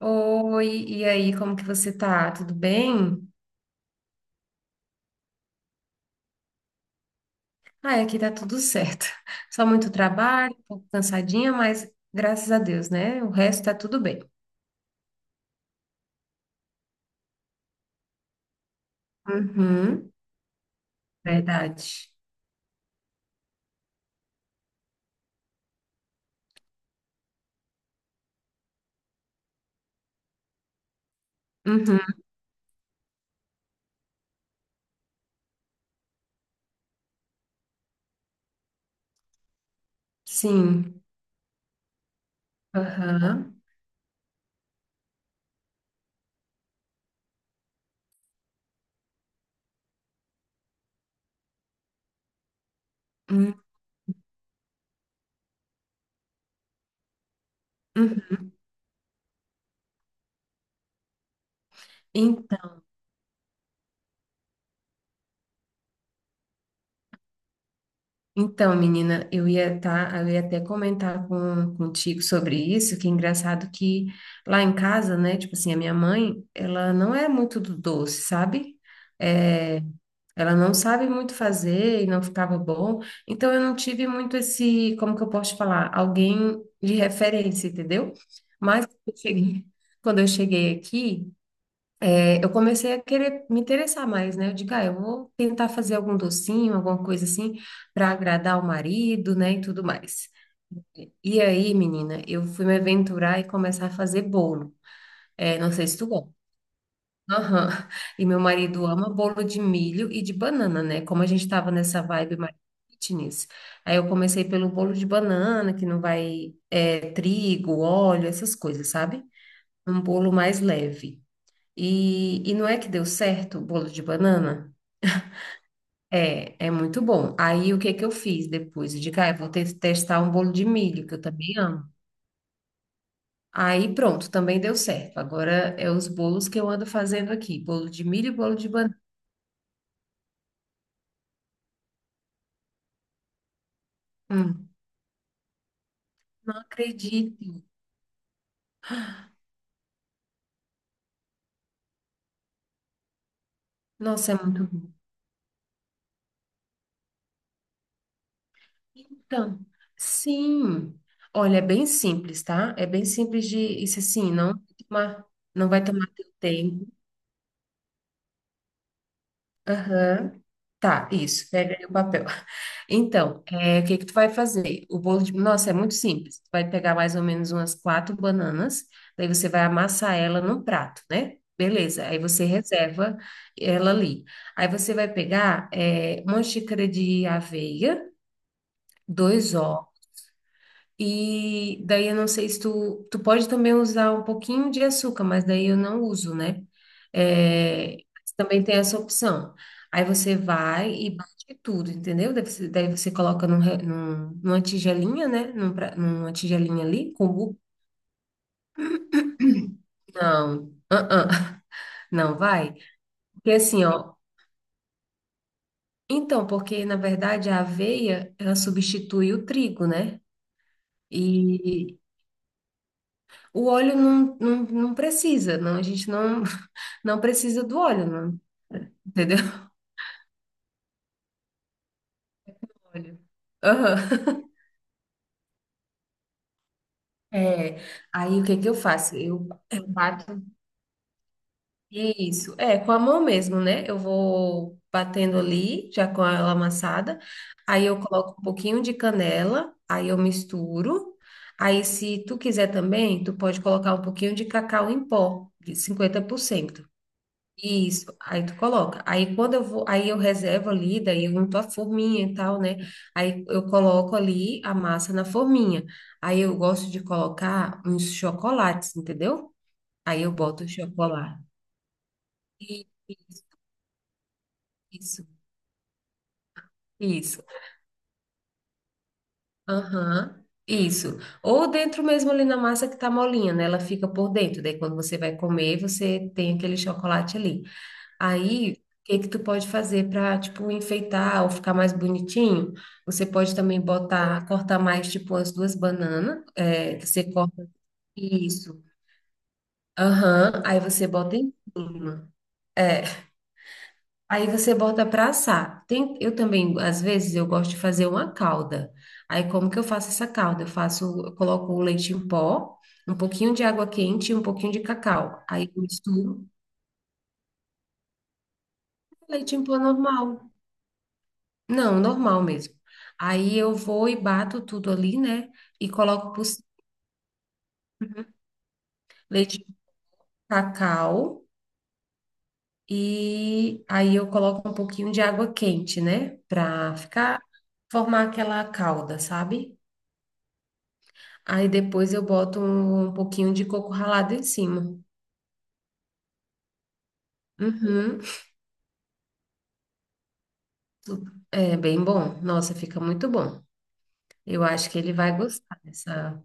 Oi, e aí, como que você tá? Tudo bem? Ai, aqui tá tudo certo. Só muito trabalho, um pouco cansadinha, mas graças a Deus, né? O resto tá tudo bem. Uhum, verdade. Uhum, sim. Aham. Hum. Uhum. Então, então, menina, eu ia até comentar contigo sobre isso, que é engraçado que lá em casa, né, tipo assim, a minha mãe, ela não é muito do doce, sabe? É, ela não sabe muito fazer e não ficava bom. Então eu não tive muito esse, como que eu posso falar, alguém de referência, entendeu? Mas quando eu cheguei quando eu cheguei aqui, eu comecei a querer me interessar mais, né? Eu digo, ah, eu vou tentar fazer algum docinho, alguma coisa assim, para agradar o marido, né, e tudo mais. E aí, menina, eu fui me aventurar e começar a fazer bolo. Não sei se tu gosta. Aham. E meu marido ama bolo de milho e de banana, né? Como a gente estava nessa vibe mais fitness. Aí eu comecei pelo bolo de banana, que não vai é, trigo, óleo, essas coisas, sabe? Um bolo mais leve. E não é que deu certo o bolo de banana? É, é muito bom. Aí o que que eu fiz depois? Eu digo, ah, eu vou testar um bolo de milho, que eu também amo. Aí pronto, também deu certo. Agora é os bolos que eu ando fazendo aqui, bolo de milho e bolo de banana. Hum. Não acredito. Nossa, é muito bom. Então, sim. Olha, é bem simples, tá? É bem simples de isso assim, tomar, não vai tomar teu tempo. Aham. Tá, isso. Pega aí o papel. Então, é, o que que tu vai fazer? O bolo de... Nossa, é muito simples. Tu vai pegar mais ou menos umas quatro bananas, daí você vai amassar ela num prato, né? Beleza, aí você reserva ela ali. Aí você vai pegar é, uma xícara de aveia, dois ovos. E daí eu não sei se tu, tu pode também usar um pouquinho de açúcar, mas daí eu não uso, né? É, também tem essa opção. Aí você vai e bate tudo, entendeu? Daí você coloca numa tigelinha, né? Numa tigelinha ali, com bu... Não, não vai. Porque assim, ó. Então, porque na verdade a aveia, ela substitui o trigo, né? E o óleo não precisa, não, a gente não. Não precisa do óleo, não. Entendeu? Óleo. Aham. É, aí o que que eu faço? Eu bato. Isso, é, com a mão mesmo, né? Eu vou batendo ali, já com ela amassada. Aí eu coloco um pouquinho de canela, aí eu misturo. Aí, se tu quiser também, tu pode colocar um pouquinho de cacau em pó, de 50%. Isso, aí tu coloca. Aí quando eu vou, aí eu reservo ali, daí eu unto a forminha e tal, né? Aí eu coloco ali a massa na forminha. Aí eu gosto de colocar uns chocolates, entendeu? Aí eu boto o chocolate. Isso, isso, isso. Aham, isso. Ou dentro mesmo ali na massa que tá molinha, né? Ela fica por dentro. Daí quando você vai comer, você tem aquele chocolate ali. Aí, o que que tu pode fazer para, tipo, enfeitar ou ficar mais bonitinho? Você pode também botar, cortar mais, tipo, as duas bananas. É, você corta isso. Aham. Aí você bota em cima. É. Aí você bota para assar. Tem, eu também, às vezes, eu gosto de fazer uma calda. Aí, como que eu faço essa calda? Eu faço, eu coloco o leite em pó, um pouquinho de água quente e um pouquinho de cacau. Aí eu misturo. Leite em pó normal. Não, normal mesmo. Aí eu vou e bato tudo ali, né? E coloco por leite de cacau. E aí eu coloco um pouquinho de água quente, né? Pra ficar, formar aquela calda, sabe? Aí depois eu boto um pouquinho de coco ralado em cima. Uhum. É bem bom. Nossa, fica muito bom. Eu acho que ele vai gostar dessa.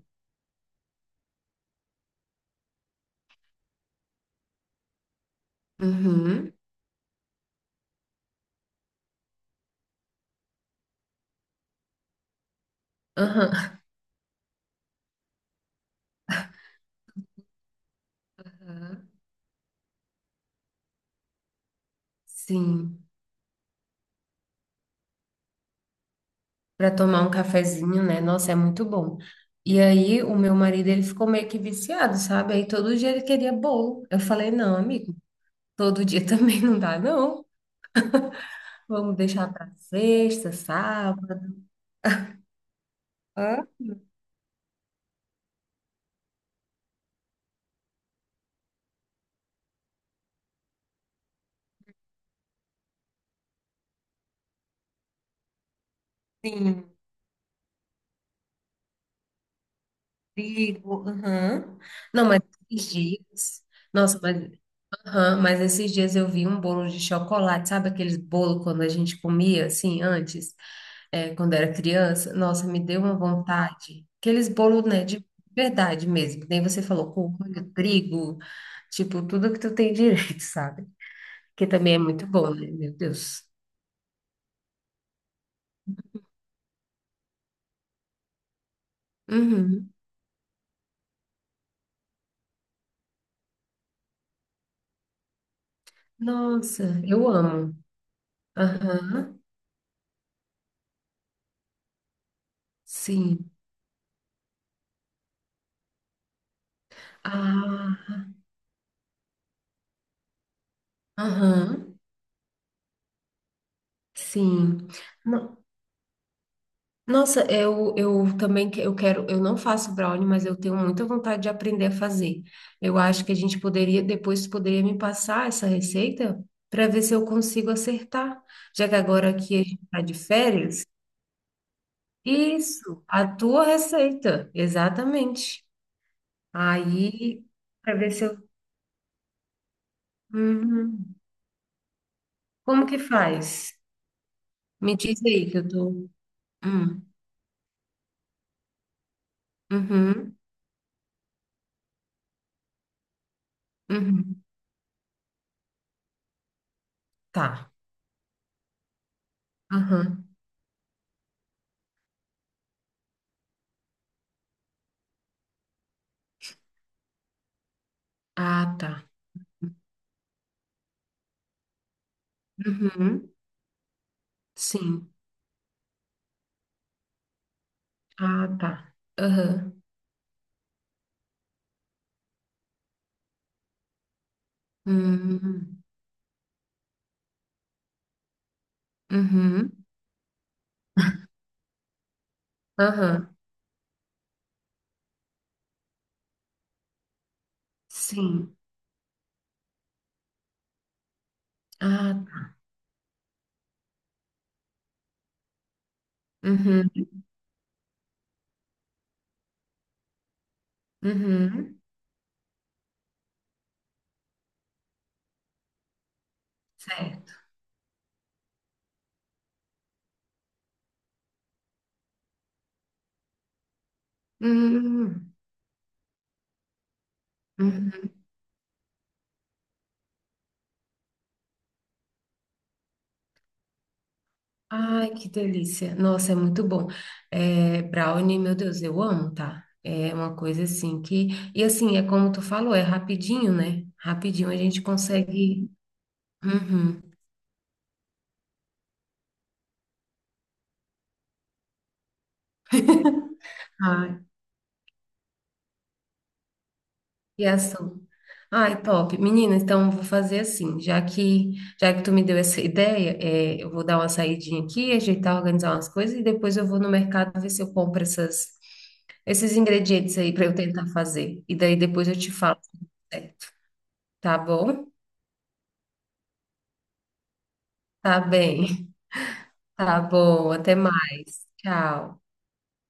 Uhum. Aham. Aham. Sim. Para tomar um cafezinho, né? Nossa, é muito bom. E aí, o meu marido, ele ficou meio que viciado, sabe? Aí todo dia ele queria bolo. Eu falei, não, amigo, todo dia também não dá, não. Vamos deixar para sexta, sábado. Hã? Sim, digo, aham. Não, mas esses dias. Nossa, mas, aham, mas esses dias eu vi um bolo de chocolate, sabe aqueles bolo quando a gente comia assim antes? É, quando era criança, nossa, me deu uma vontade. Aqueles bolos, né, de verdade mesmo. Que nem você falou, com molho, trigo, tipo, tudo que tu tem direito, sabe? Que também é muito bom, né? Meu Deus. Uhum. Nossa, eu amo. Aham, sim. Ah, aham, sim. Nossa, eu também eu quero, eu não faço brownie, mas eu tenho muita vontade de aprender a fazer. Eu acho que a gente poderia, depois tu poderia me passar essa receita para ver se eu consigo acertar, já que agora aqui a gente está de férias. Isso, a tua receita, exatamente. Aí, para ver se eu. Uhum. Como que faz? Me diz aí que eu tô. Hum. Uhum. Uhum. Tá. Aham. Ah, tá. Uhum. Sim. Ah, tá. Aham. Hum. Uhum. Aham. Sim. Ah, tá. Uhum. Uhum. Certo. Hum, uhum. Ai, que delícia. Nossa, é muito bom. É, brownie, meu Deus, eu amo, tá? É uma coisa assim que. E assim, é como tu falou, é rapidinho, né? Rapidinho a gente consegue. Uhum. Ai, e açúcar. Ai, top. Menina, então vou fazer assim, já que tu me deu essa ideia, é, eu vou dar uma saidinha aqui, ajeitar, organizar umas coisas e depois eu vou no mercado ver se eu compro esses ingredientes aí para eu tentar fazer. E daí depois eu te falo, se deu certo. Tá bom? Tá bem. Tá bom. Até mais. Tchau.